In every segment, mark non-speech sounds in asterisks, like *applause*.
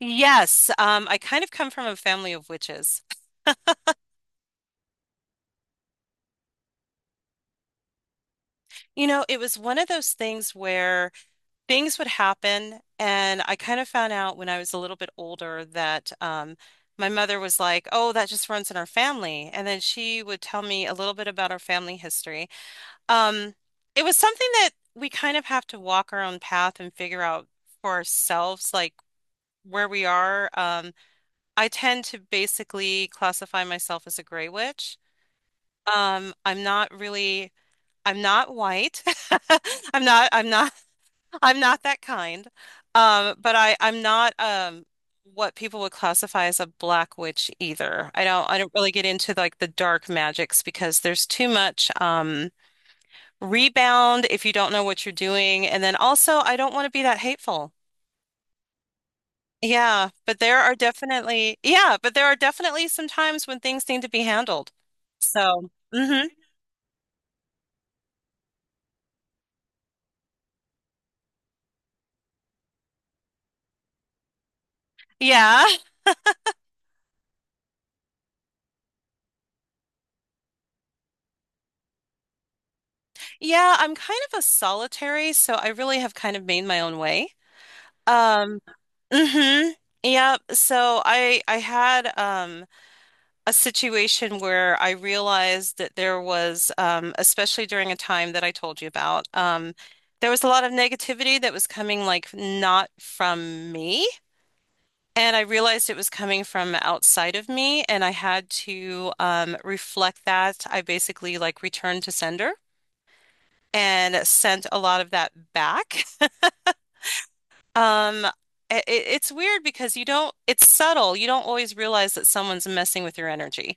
Yes, I kind of come from a family of witches. You know, it was one of those things where things would happen, and I kind of found out when I was a little bit older that my mother was like, "Oh, that just runs in our family," and then she would tell me a little bit about our family history. Um, it was something that we kind of have to walk our own path and figure out for ourselves, like where we are. I tend to basically classify myself as a gray witch. I'm not really I'm not white. *laughs* I'm not *laughs* I'm not that kind. But I'm not what people would classify as a black witch either. I don't really get into like the dark magics because there's too much rebound if you don't know what you're doing. And then also I don't want to be that hateful. Yeah, but there are definitely yeah, but there are definitely some times when things need to be handled. So, mhm. Yeah. Yeah, I'm kind of a solitary, so I really have kind of made my own way. Um, mm-hmm. Yep. So I had a situation where I realized that there was especially during a time that I told you about, there was a lot of negativity that was coming like not from me. And I realized it was coming from outside of me, and I had to reflect that. I basically like returned to sender and sent a lot of that back. Um, it's weird because you don't, it's subtle. You don't always realize that someone's messing with your energy.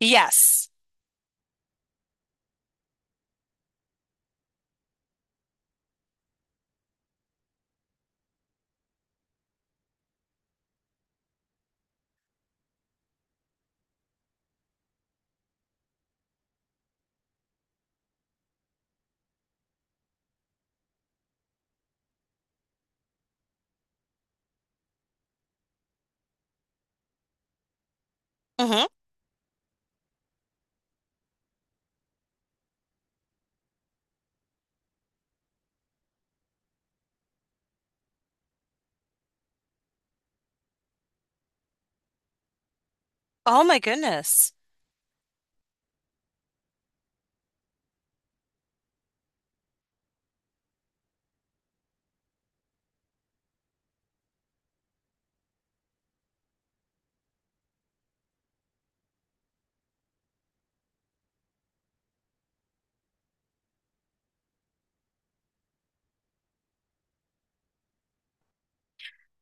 Yes. Hmm. Oh my goodness.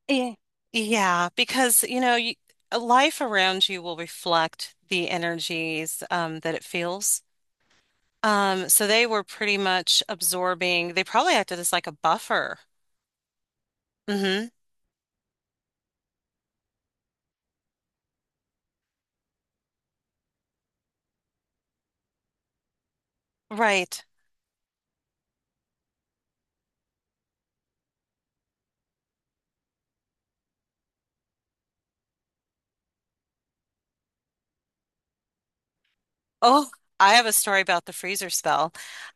Yeah. Yeah, because you know, you, life around you will reflect the energies that it feels. So they were pretty much absorbing. They probably acted as like a buffer. Hmm. Right. Oh, I have a story about the freezer spell.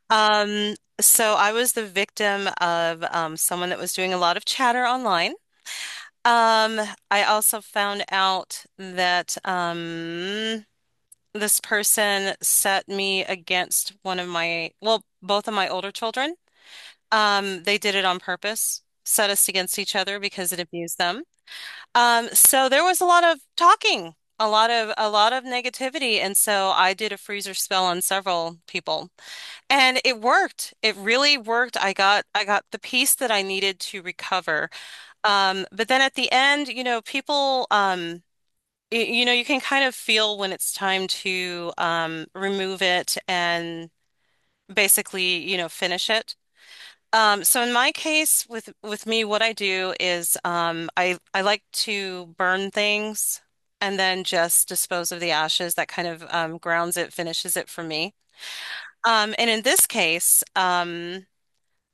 So I was the victim of someone that was doing a lot of chatter online. Um, I also found out that this person set me against one of my, well, both of my older children. They did it on purpose, set us against each other because it abused them. So there was a lot of talking, a lot of negativity, and so I did a freezer spell on several people. And it worked. It really worked. I got the piece that I needed to recover. But then at the end, you know, people you know, you can kind of feel when it's time to remove it and basically, you know, finish it. So in my case with me, what I do is I like to burn things and then just dispose of the ashes. That kind of grounds it, finishes it for me. And in this case,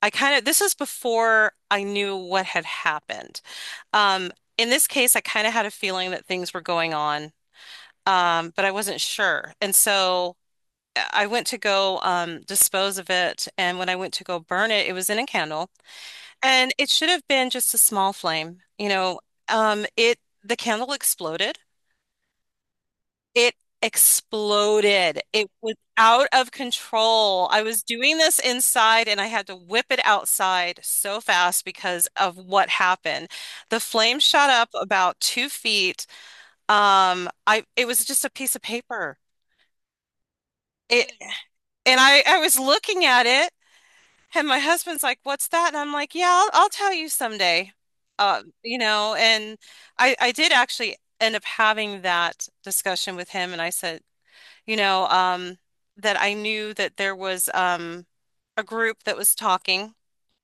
this is before I knew what had happened. Um, in this case, I kind of had a feeling that things were going on, but I wasn't sure. And so I went to go dispose of it. And when I went to go burn it, it was in a candle. And it should have been just a small flame. You know, the candle exploded. It exploded. It was out of control. I was doing this inside and I had to whip it outside so fast because of what happened. The flame shot up about 2 feet. I it was just a piece of paper. It and I was looking at it and my husband's like, "What's that?" And I'm like, "Yeah, I'll tell you someday." You know, and I did actually end up having that discussion with him and I said, you know, that I knew that there was a group that was talking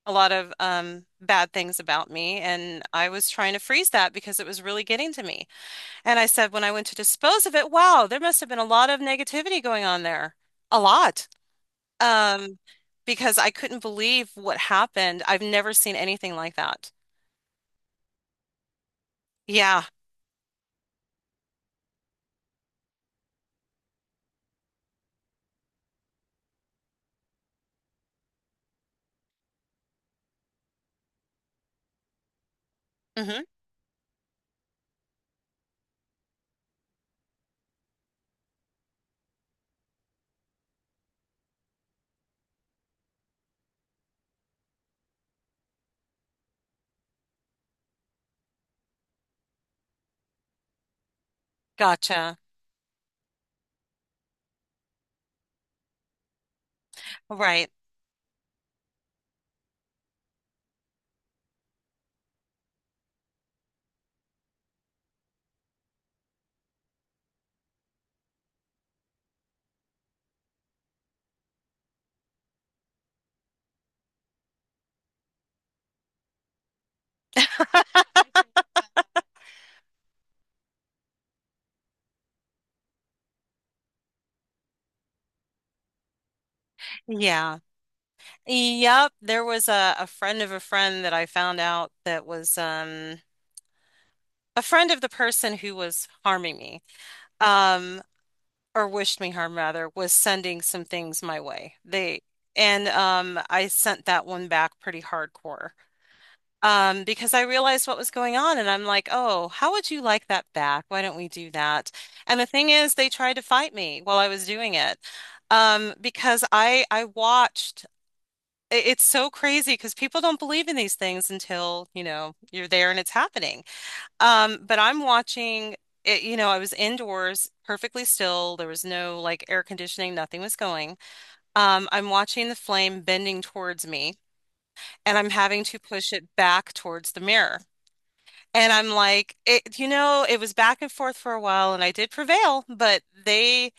a lot of bad things about me. And I was trying to freeze that because it was really getting to me. And I said, when I went to dispose of it, wow, there must have been a lot of negativity going on there. A lot. Um, because I couldn't believe what happened. I've never seen anything like that. Yeah. Hmm. Gotcha. Right. Yeah. Yep, there was a friend of a friend that I found out that was a friend of the person who was harming me, um, or wished me harm rather, was sending some things my way. They and I sent that one back pretty hardcore. Because I realized what was going on and I'm like, oh, how would you like that back? Why don't we do that? And the thing is they tried to fight me while I was doing it. Because I watched It's so crazy because people don't believe in these things until, you know, you're there and it's happening. But I'm watching it, you know, I was indoors perfectly still. There was no like air conditioning, nothing was going. I'm watching the flame bending towards me and I'm having to push it back towards the mirror. And I'm like, you know, it was back and forth for a while and I did prevail,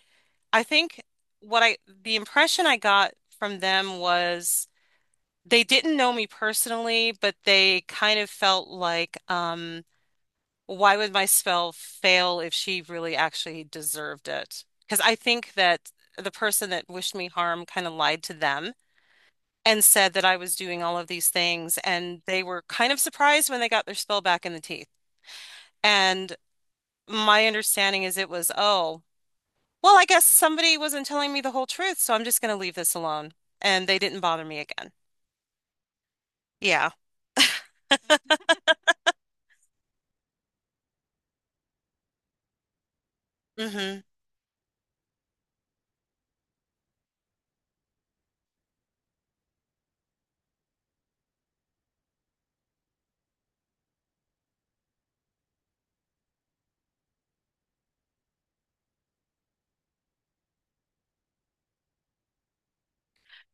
I think the impression I got from them was they didn't know me personally, but they kind of felt like, why would my spell fail if she really actually deserved it? Because I think that the person that wished me harm kind of lied to them and said that I was doing all of these things, and they were kind of surprised when they got their spell back in the teeth. And my understanding is it was, oh, well, I guess somebody wasn't telling me the whole truth, so I'm just going to leave this alone. And they didn't bother me again. Yeah. *laughs* Hmm.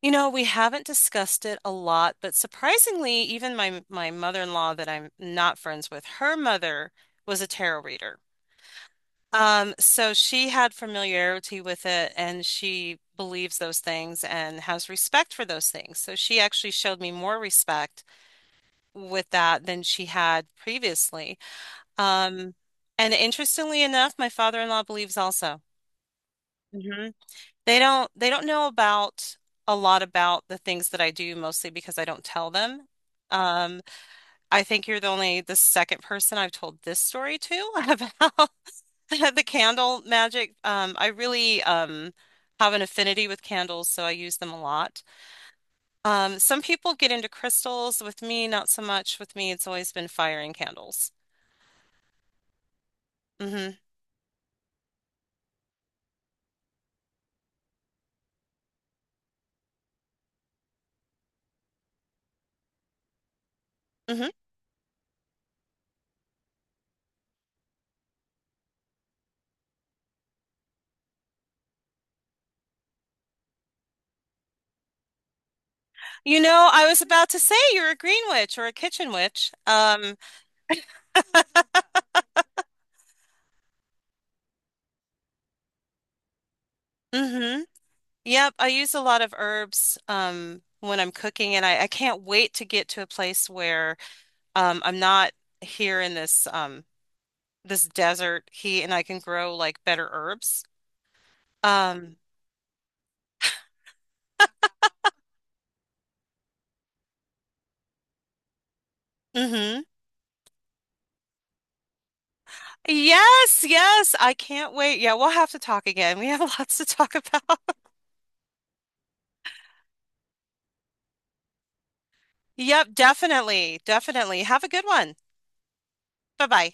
You know, we haven't discussed it a lot, but surprisingly, even my mother-in-law that I'm not friends with, her mother was a tarot reader. So she had familiarity with it and she believes those things and has respect for those things. So she actually showed me more respect with that than she had previously. Um, and interestingly enough, my father-in-law believes also. They don't know about a lot about the things that I do mostly because I don't tell them. Um, I think you're the only the second person I've told this story to *laughs* about the candle magic. I really have an affinity with candles, so I use them a lot. Some people get into crystals. With me, not so much. With me, it's always been fire and candles. Hmm. Hmm. You know, I was about to say you're a green witch or a kitchen witch. Mhm. Yep, I use a lot of herbs when I'm cooking, and I can't wait to get to a place where I'm not here in this this desert heat, and I can grow like better herbs. Um, hmm. Yes, yes, I can't wait. Yeah, we'll have to talk again. We have *laughs* lots to talk about. Yep, definitely, definitely. Have a good one. Bye bye.